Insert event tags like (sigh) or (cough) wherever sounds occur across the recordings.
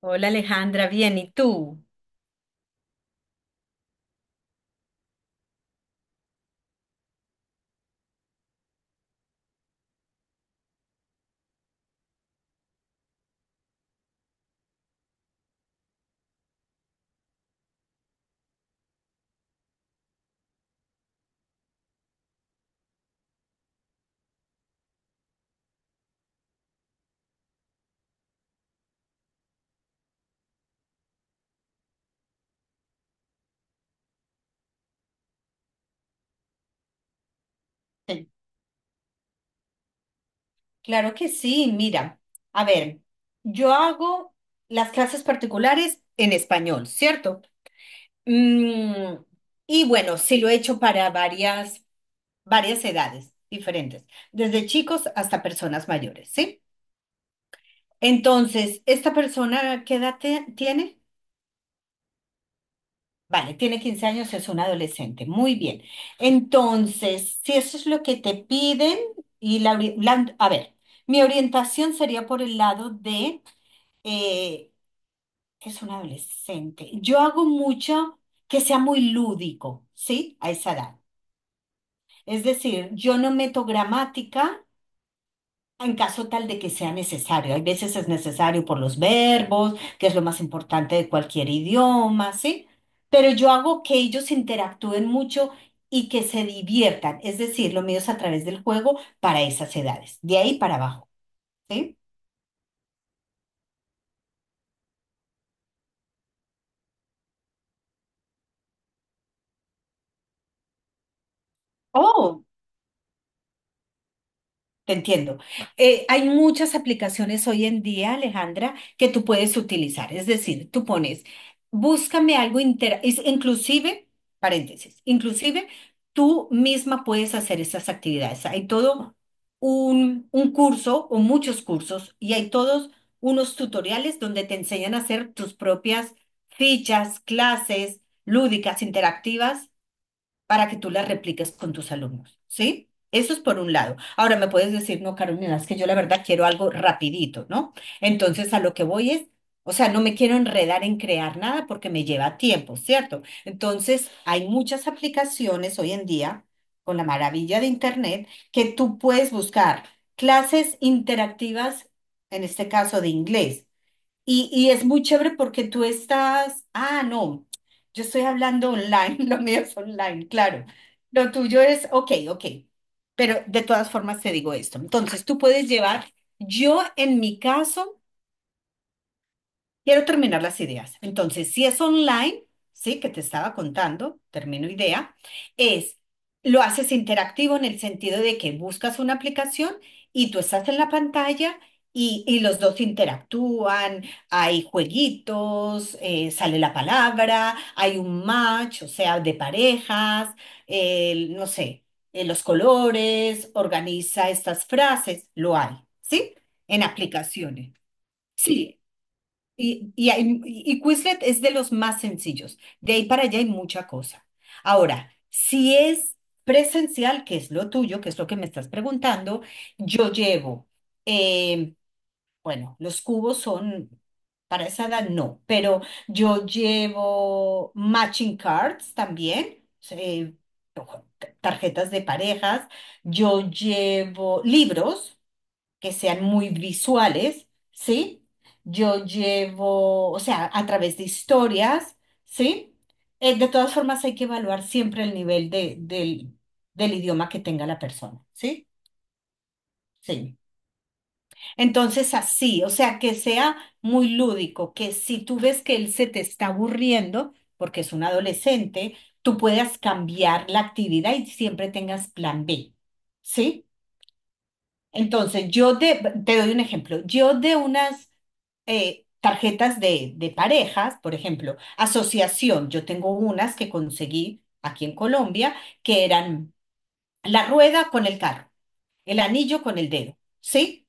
Hola Alejandra, bien, ¿y tú? (laughs) Claro que sí, mira, a ver, yo hago las clases particulares en español, ¿cierto? Mm, y bueno, sí lo he hecho para varias, varias edades diferentes, desde chicos hasta personas mayores, ¿sí? Entonces, ¿esta persona qué edad tiene? Vale, tiene 15 años, es un adolescente. Muy bien. Entonces, si eso es lo que te piden, y a ver, mi orientación sería por el lado de eh, que es un adolescente. Yo hago mucho que sea muy lúdico, ¿sí? A esa edad. Es decir, yo no meto gramática. En caso tal de que sea necesario, hay veces es necesario por los verbos, que es lo más importante de cualquier idioma, ¿sí? Pero yo hago que ellos interactúen mucho y que se diviertan, es decir, lo mío es a través del juego para esas edades, de ahí para abajo, ¿sí? Oh, te entiendo. Hay muchas aplicaciones hoy en día, Alejandra, que tú puedes utilizar. Es decir, tú pones, búscame algo inclusive, paréntesis, inclusive tú misma puedes hacer estas actividades. Hay todo un curso o muchos cursos y hay todos unos tutoriales donde te enseñan a hacer tus propias fichas, clases lúdicas, interactivas para que tú las repliques con tus alumnos, ¿sí? Eso es por un lado. Ahora me puedes decir, no, Carolina, es que yo la verdad quiero algo rapidito, ¿no? Entonces a lo que voy es, o sea, no me quiero enredar en crear nada porque me lleva tiempo, ¿cierto? Entonces hay muchas aplicaciones hoy en día, con la maravilla de Internet, que tú puedes buscar clases interactivas, en este caso de inglés. Y es muy chévere porque tú estás, ah, no, yo estoy hablando online, (laughs) lo mío es online, claro. Lo tuyo es, ok, ok, pero de todas formas te digo esto. Entonces, tú puedes llevar, yo en mi caso, quiero terminar las ideas. Entonces, si es online, sí, que te estaba contando, termino idea, es, lo haces interactivo en el sentido de que buscas una aplicación y tú estás en la pantalla y los dos interactúan, hay jueguitos, sale la palabra, hay un match, o sea, de parejas, no sé, los colores, organiza estas frases, lo hay, ¿sí? En aplicaciones. Sí, y Quizlet es de los más sencillos. De ahí para allá hay mucha cosa. Ahora, si es presencial, que es lo tuyo, que es lo que me estás preguntando, yo llevo, eh, bueno, los cubos son, para esa edad no, pero yo llevo matching cards también, eh, tarjetas de parejas, yo llevo libros que sean muy visuales, ¿sí? Yo llevo, o sea, a través de historias, ¿sí? De todas formas, hay que evaluar siempre el nivel de, del, del idioma que tenga la persona, ¿sí? Sí. Entonces, así, o sea, que sea muy lúdico, que si tú ves que él se te está aburriendo, porque es un adolescente, tú puedas cambiar la actividad y siempre tengas plan B, ¿sí? Entonces, yo te doy un ejemplo. Yo de unas tarjetas de parejas, por ejemplo, asociación, yo tengo unas que conseguí aquí en Colombia que eran la rueda con el carro, el anillo con el dedo, ¿sí?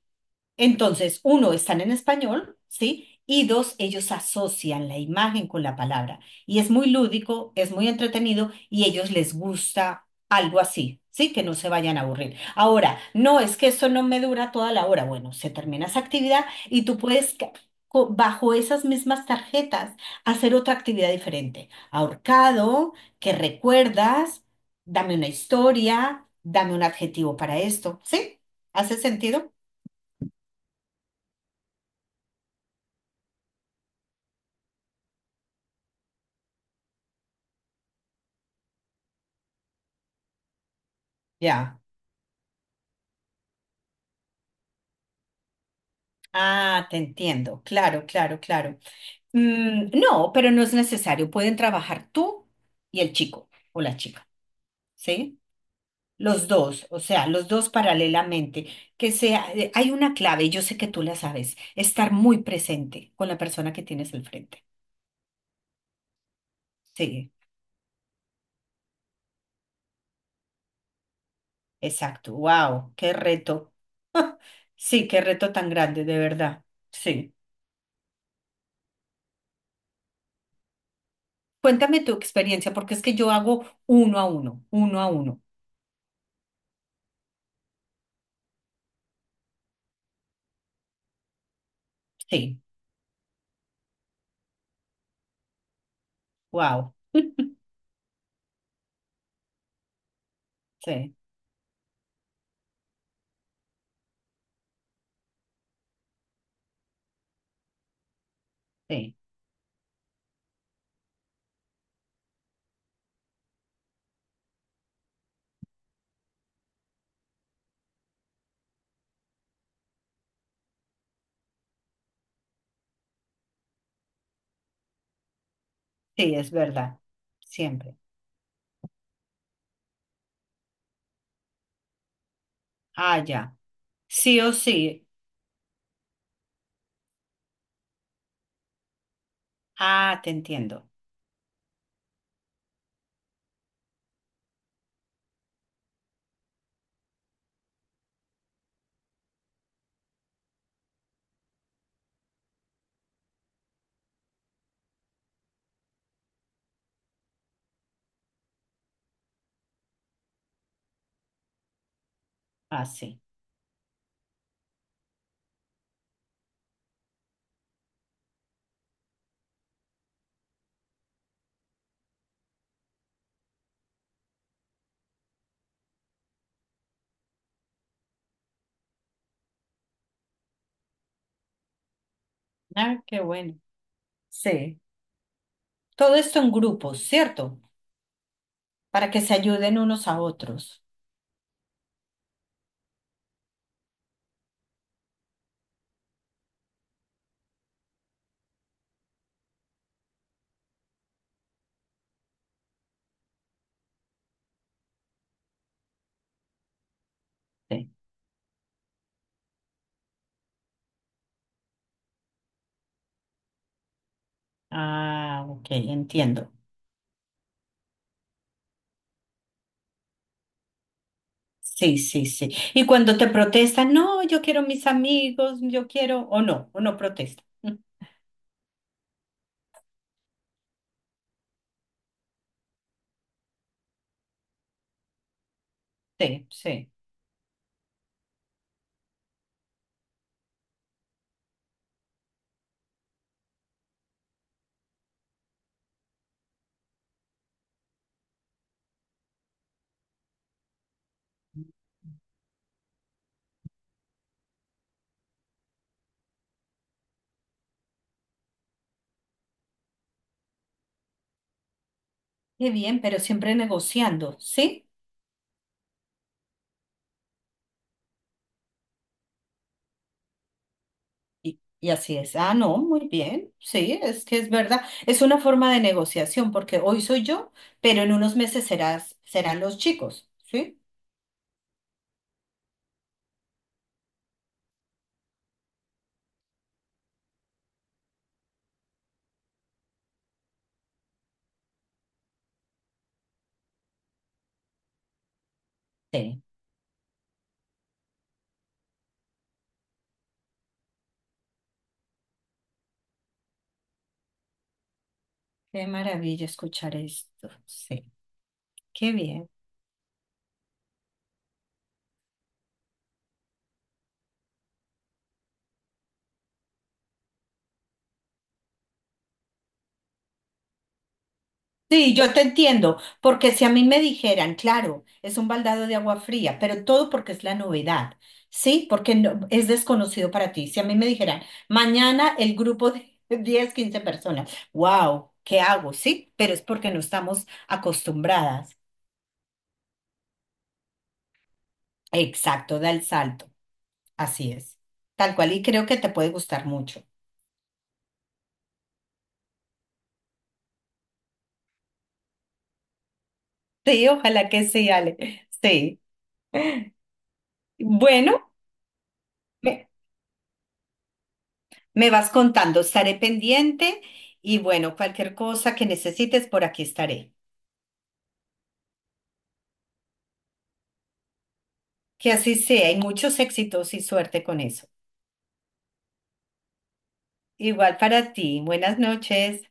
Entonces, uno, están en español, ¿sí? Y dos, ellos asocian la imagen con la palabra. Y es muy lúdico, es muy entretenido y a ellos les gusta algo así, ¿sí? Que no se vayan a aburrir. Ahora, no es que eso no me dura toda la hora. Bueno, se termina esa actividad y tú puedes, bajo esas mismas tarjetas, hacer otra actividad diferente. Ahorcado, que recuerdas, dame una historia, dame un adjetivo para esto, ¿sí? ¿Hace sentido? Ya. Ah, te entiendo. Claro, claro, claro. Mm, no, pero no es necesario. Pueden trabajar tú y el chico o la chica, ¿sí? Los dos, o sea, los dos paralelamente. Que sea, hay una clave, y yo sé que tú la sabes, estar muy presente con la persona que tienes al frente. Sí, exacto. Wow, qué reto. (laughs) Sí, qué reto tan grande, de verdad. Sí. Cuéntame tu experiencia, porque es que yo hago uno a uno, uno a uno. Sí, wow. (laughs) Sí. Sí, sí, es verdad. Siempre. Ah, ya. Sí o sí. Ah, te entiendo. Ah, sí. Ah, qué bueno. Sí. Todo esto en grupos, ¿cierto? Para que se ayuden unos a otros. Sí. Ah, ok, entiendo. Sí, sí, sí. Y cuando te protestan, no, yo quiero mis amigos, yo quiero, o no protesta. (laughs) Sí, sí. Qué bien, pero siempre negociando, ¿sí? Y así es. Ah, no, muy bien. Sí, es que es verdad. Es una forma de negociación porque hoy soy yo, pero en unos meses serás, serán los chicos. ¿Sí? Sí. Qué maravilla escuchar esto. Sí. Qué bien. Sí, yo te entiendo, porque si a mí me dijeran, claro, es un baldado de agua fría, pero todo porque es la novedad, ¿sí? Porque es desconocido para ti. Si a mí me dijeran, mañana el grupo de (laughs) 10, 15 personas, wow, ¿qué hago? Sí, pero es porque no estamos acostumbradas. Exacto, da el salto, así es. Tal cual, y creo que te puede gustar mucho. Sí, ojalá que sí, Ale. Sí. Bueno. Me vas contando, estaré pendiente y bueno, cualquier cosa que necesites, por aquí estaré. Que así sea y muchos éxitos y suerte con eso. Igual para ti. Buenas noches.